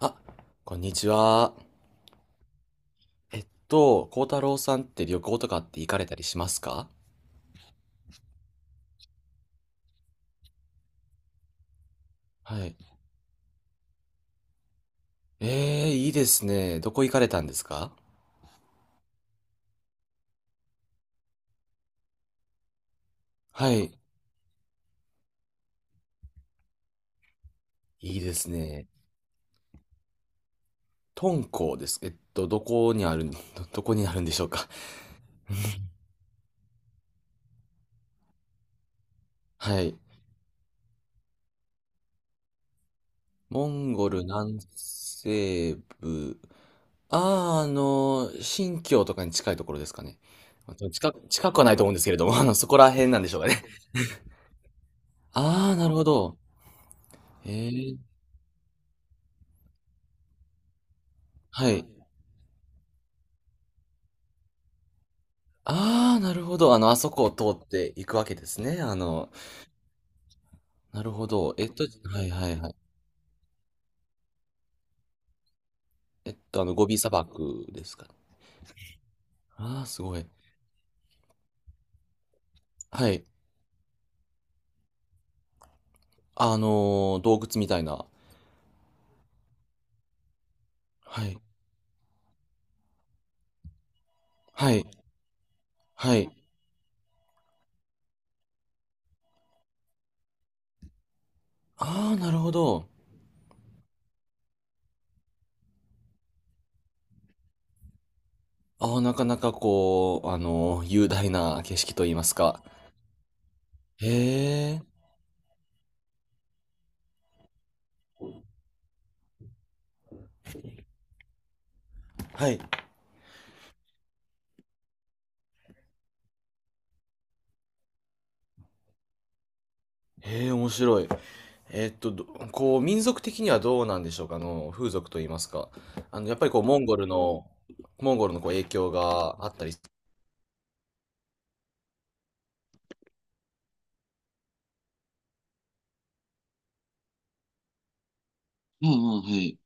あ、こんにちは。幸太郎さんって旅行とかって行かれたりしますか？はい。えー、いいですね。どこ行かれたんですか？はい。いいですね。敦煌です。どこにあるん、ど、どこにあるんでしょうか？はい。モンゴル南西部。あー、あの、新疆とかに近いところですかね。近く、近くはないと思うんですけれども、あの、そこら辺なんでしょうかね。あー、なるほど。えー、はい。ああ、なるほど。あの、あそこを通っていくわけですね。あの、なるほど。はいはいはい。えっと、あの、ゴビ砂漠ですかね。ああ、すごい。はい。あのー洞窟みたいな。はい。はい。はい。ああ、なるほど。ああ、なかなかこう、あのー雄大な景色といいますか。へえ。はい。へえ、面白い。えーっと、どこう、民族的にはどうなんでしょうか、あの、風俗といいますか。あの、やっぱりこう、モンゴルのこう影響があったり、ああ、はい。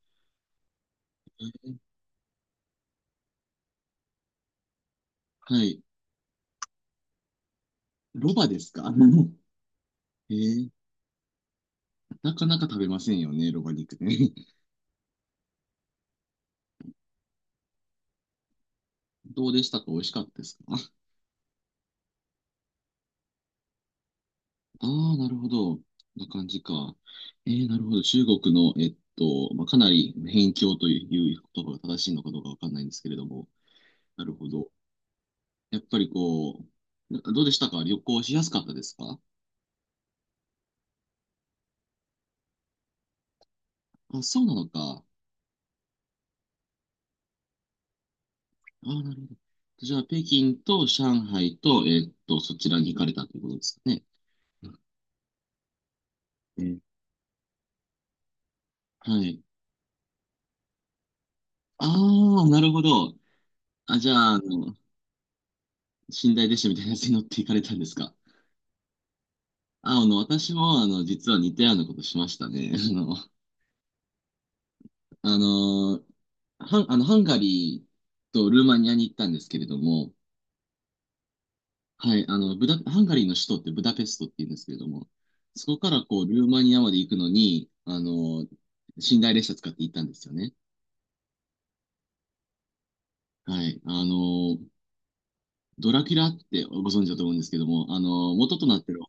はい。ロバですか？ えー、なかなか食べませんよね、ロバ肉ね。どうでしたか？美味しかったですか？ああー、なるほど。こんな感じか。えー、なるほど。中国の、えっと、まあ、かなり辺境という言葉が正しいのかどうかわかんないんですけれども。なるほど。やっぱりこう、な、どうでしたか？旅行しやすかったですか？あ、そうなのか。あ、なるほど。じゃあ、北京と上海と、えーっと、そちらに行かれたということですかね。えー、はい。ああ、なるほど。あ、じゃあ、あの、寝台列車みたいなやつに乗って行かれたんですか。あ、あの、私も、あの、実は似たようなことしましたね。あの、あの、ハン、あの、ハンガリーとルーマニアに行ったんですけれども、はい、あの、ブダ、ハンガリーの首都ってブダペストって言うんですけれども、そこからこう、ルーマニアまで行くのに、あの、寝台列車使って行ったんですよね。はい、あの、ドラキュラってご存知だと思うんですけども、あの、元となってる、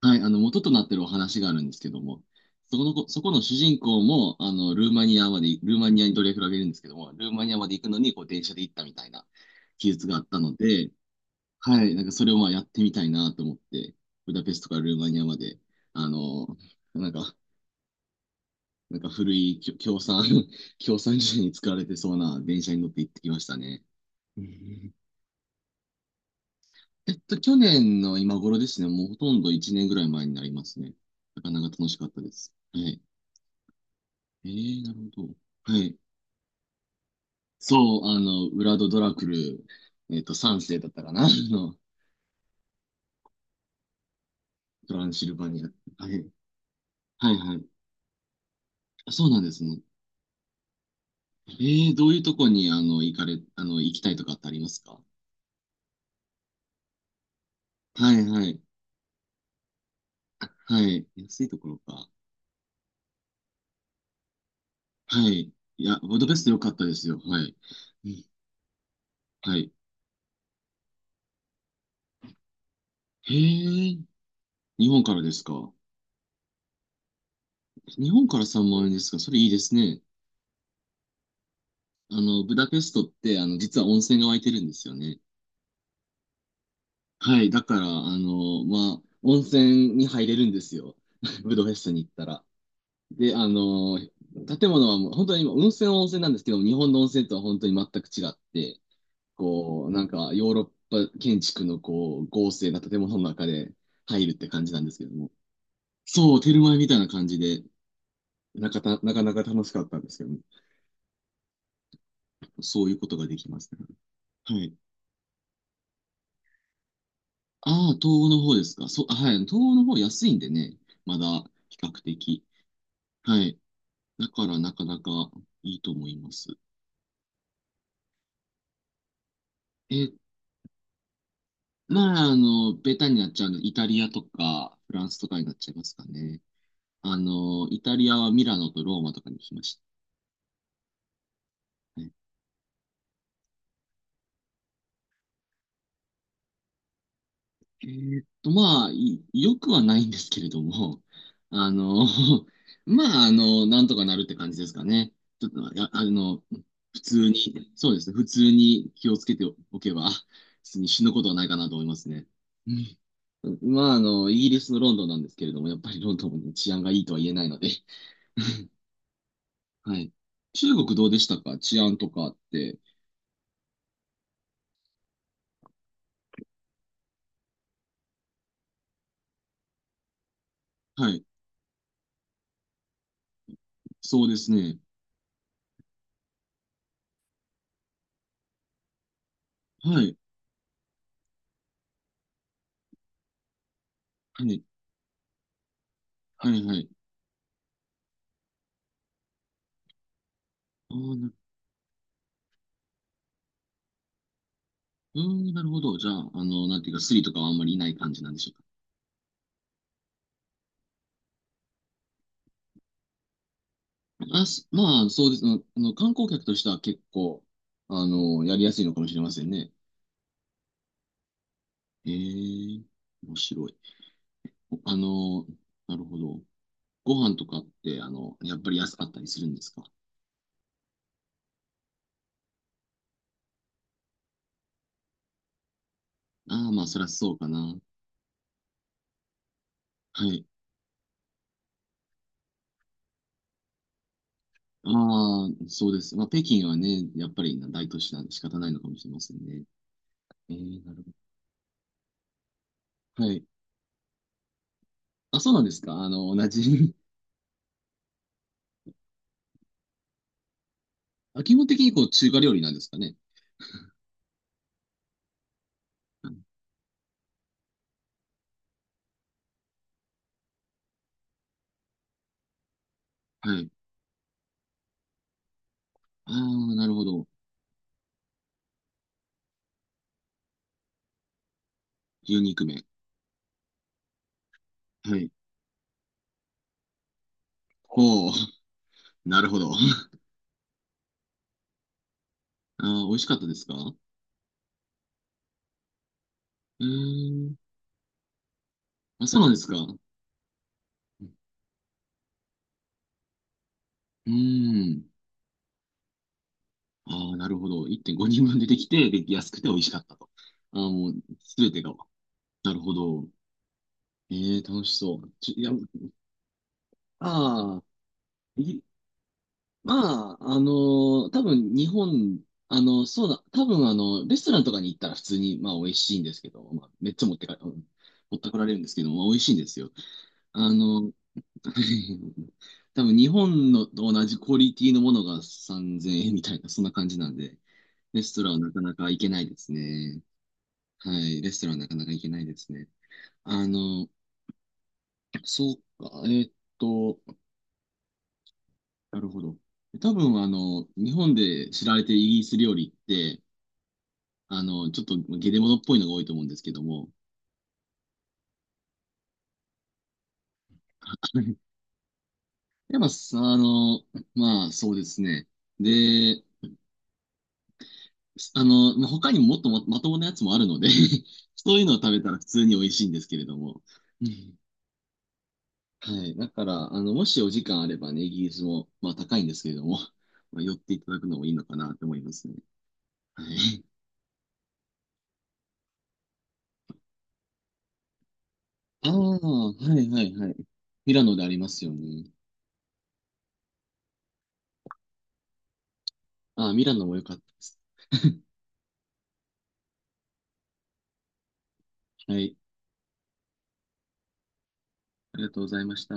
はい、あの、元となってるお話があるんですけども、そこのこ、そこの主人公も、あの、ルーマニアにドラキュラがいるんですけども、ルーマニアまで行くのに、こう、電車で行ったみたいな記述があったので、はい、なんかそれをまあやってみたいなと思って、ブダペストからルーマニアまで、あの、なんか、なんか古いきょ共産、共産時代に使われてそうな電車に乗って行ってきましたね。うん。去年の今頃ですね、もうほとんど1年ぐらい前になりますね。なかなか楽しかったです。はい。えー、なるほど。はい。そう、あの、ウラド・ドラクル、えっと、3世だったかな、あの、トランシルバニア。はい。はいはい。あ、そうなんですね。ええ、どういうとこに、あの、行かれ、あの、行きたいとかってありますか？はいはい。あ、はい。安いところか。はい。いや、ブダペスト良かったですよ。はい。うん、はい。へえ、日本からですか。日本から3万円ですか。それいいですね。あの、ブダペストって、あの、実は温泉が湧いてるんですよね。はい。だから、あの、まあ、温泉に入れるんですよ。ブダペストに行ったら。で、あの、建物はもう、本当に今、温泉は温泉なんですけど、日本の温泉とは本当に全く違って、こう、なんかヨーロッパ建築のこう、豪勢な建物の中で入るって感じなんですけども。そう、テルマエみたいな感じで、なかた、なかなか楽しかったんですけども、そういうことができますね。はい。ああ、東欧の方ですか。そう、あ、はい。東欧の方安いんでね、まだ比較的。はい。だからなかなかいいと思います。え、まあ、あの、ベタになっちゃうので、イタリアとかフランスとかになっちゃいますかね。あの、イタリアはミラノとローマとかに行きました。はい、えーっと、まあ、いよくはないんですけれども、あの、まあ、あの、なんとかなるって感じですかね。ちょっと、あ、あの、普通に、そうですね、普通に気をつけておけば、普通に死ぬことはないかなと思いますね。うん。まあ、あの、イギリスのロンドンなんですけれども、やっぱりロンドンもね治安がいいとは言えないので。はい。中国どうでしたか？治安とかって。はい。そうですね。はい。はい。はい、はい。ああ、なる、うーん、なるほど。じゃあ、あの、なんていうか、スリとかはあんまりいない感じなんでしょうか。あ、す、まあ、そうです。あの、観光客としては結構、あの、やりやすいのかもしれませんね。ええ、面白い。あの、なるほど。ご飯とかって、あの、やっぱり安かったりするんですか？ああー、まあ、そりゃそうかな。はい。ああ、そうです。まあ、北京はね、やっぱり大都市なんで仕方ないのかもしれませんね。ええ、なるほど。はい。あ、そうなんですか。あの、同じ。あ、基本的にこう、中華料理なんですかね。はい。ああ、なるほど。牛肉麺。はい。ほう、なるほど。ああ、美味しかったですか？うーん。あ、そうなんですか。うーん。ああ、なるほど。1.5人分出てきて、で、安くて美味しかったと。ああ、もう、すべてが。なるほど。ええ、楽しそう。ちょいや、ああ、い、まあ、あのー多分日本、あの、そうだ、多分あの、レストランとかに行ったら普通に、まあ、美味しいんですけど、まあ、めっちゃ持ってか、うん、持ってこられるんですけど、まあ、美味しいんですよ。あの、多分日本のと同じクオリティのものが3000円みたいな、そんな感じなんで、レストランはなかなか行けないですね。はい、レストランはなかなか行けないですね。あの、そうか、えーっと、なるほど。多分、あの、日本で知られているイギリス料理って、あの、ちょっとゲレモノっぽいのが多いと思うんですけども、やっぱ、あの、まあ、そうですね。で、あの、まあ、他にももっとま、まともなやつもあるので そういうのを食べたら普通に美味しいんですけれども。うん、はい。だから、あの、もしお時間あればね、イギリスも、まあ高いんですけれども、まあ、寄っていただくのもいいのかなと思いますね。はい。ああ、はいはいはい。ミラノでありますよね。ああ、ミラノも良かったです。はい。ありがとうございました。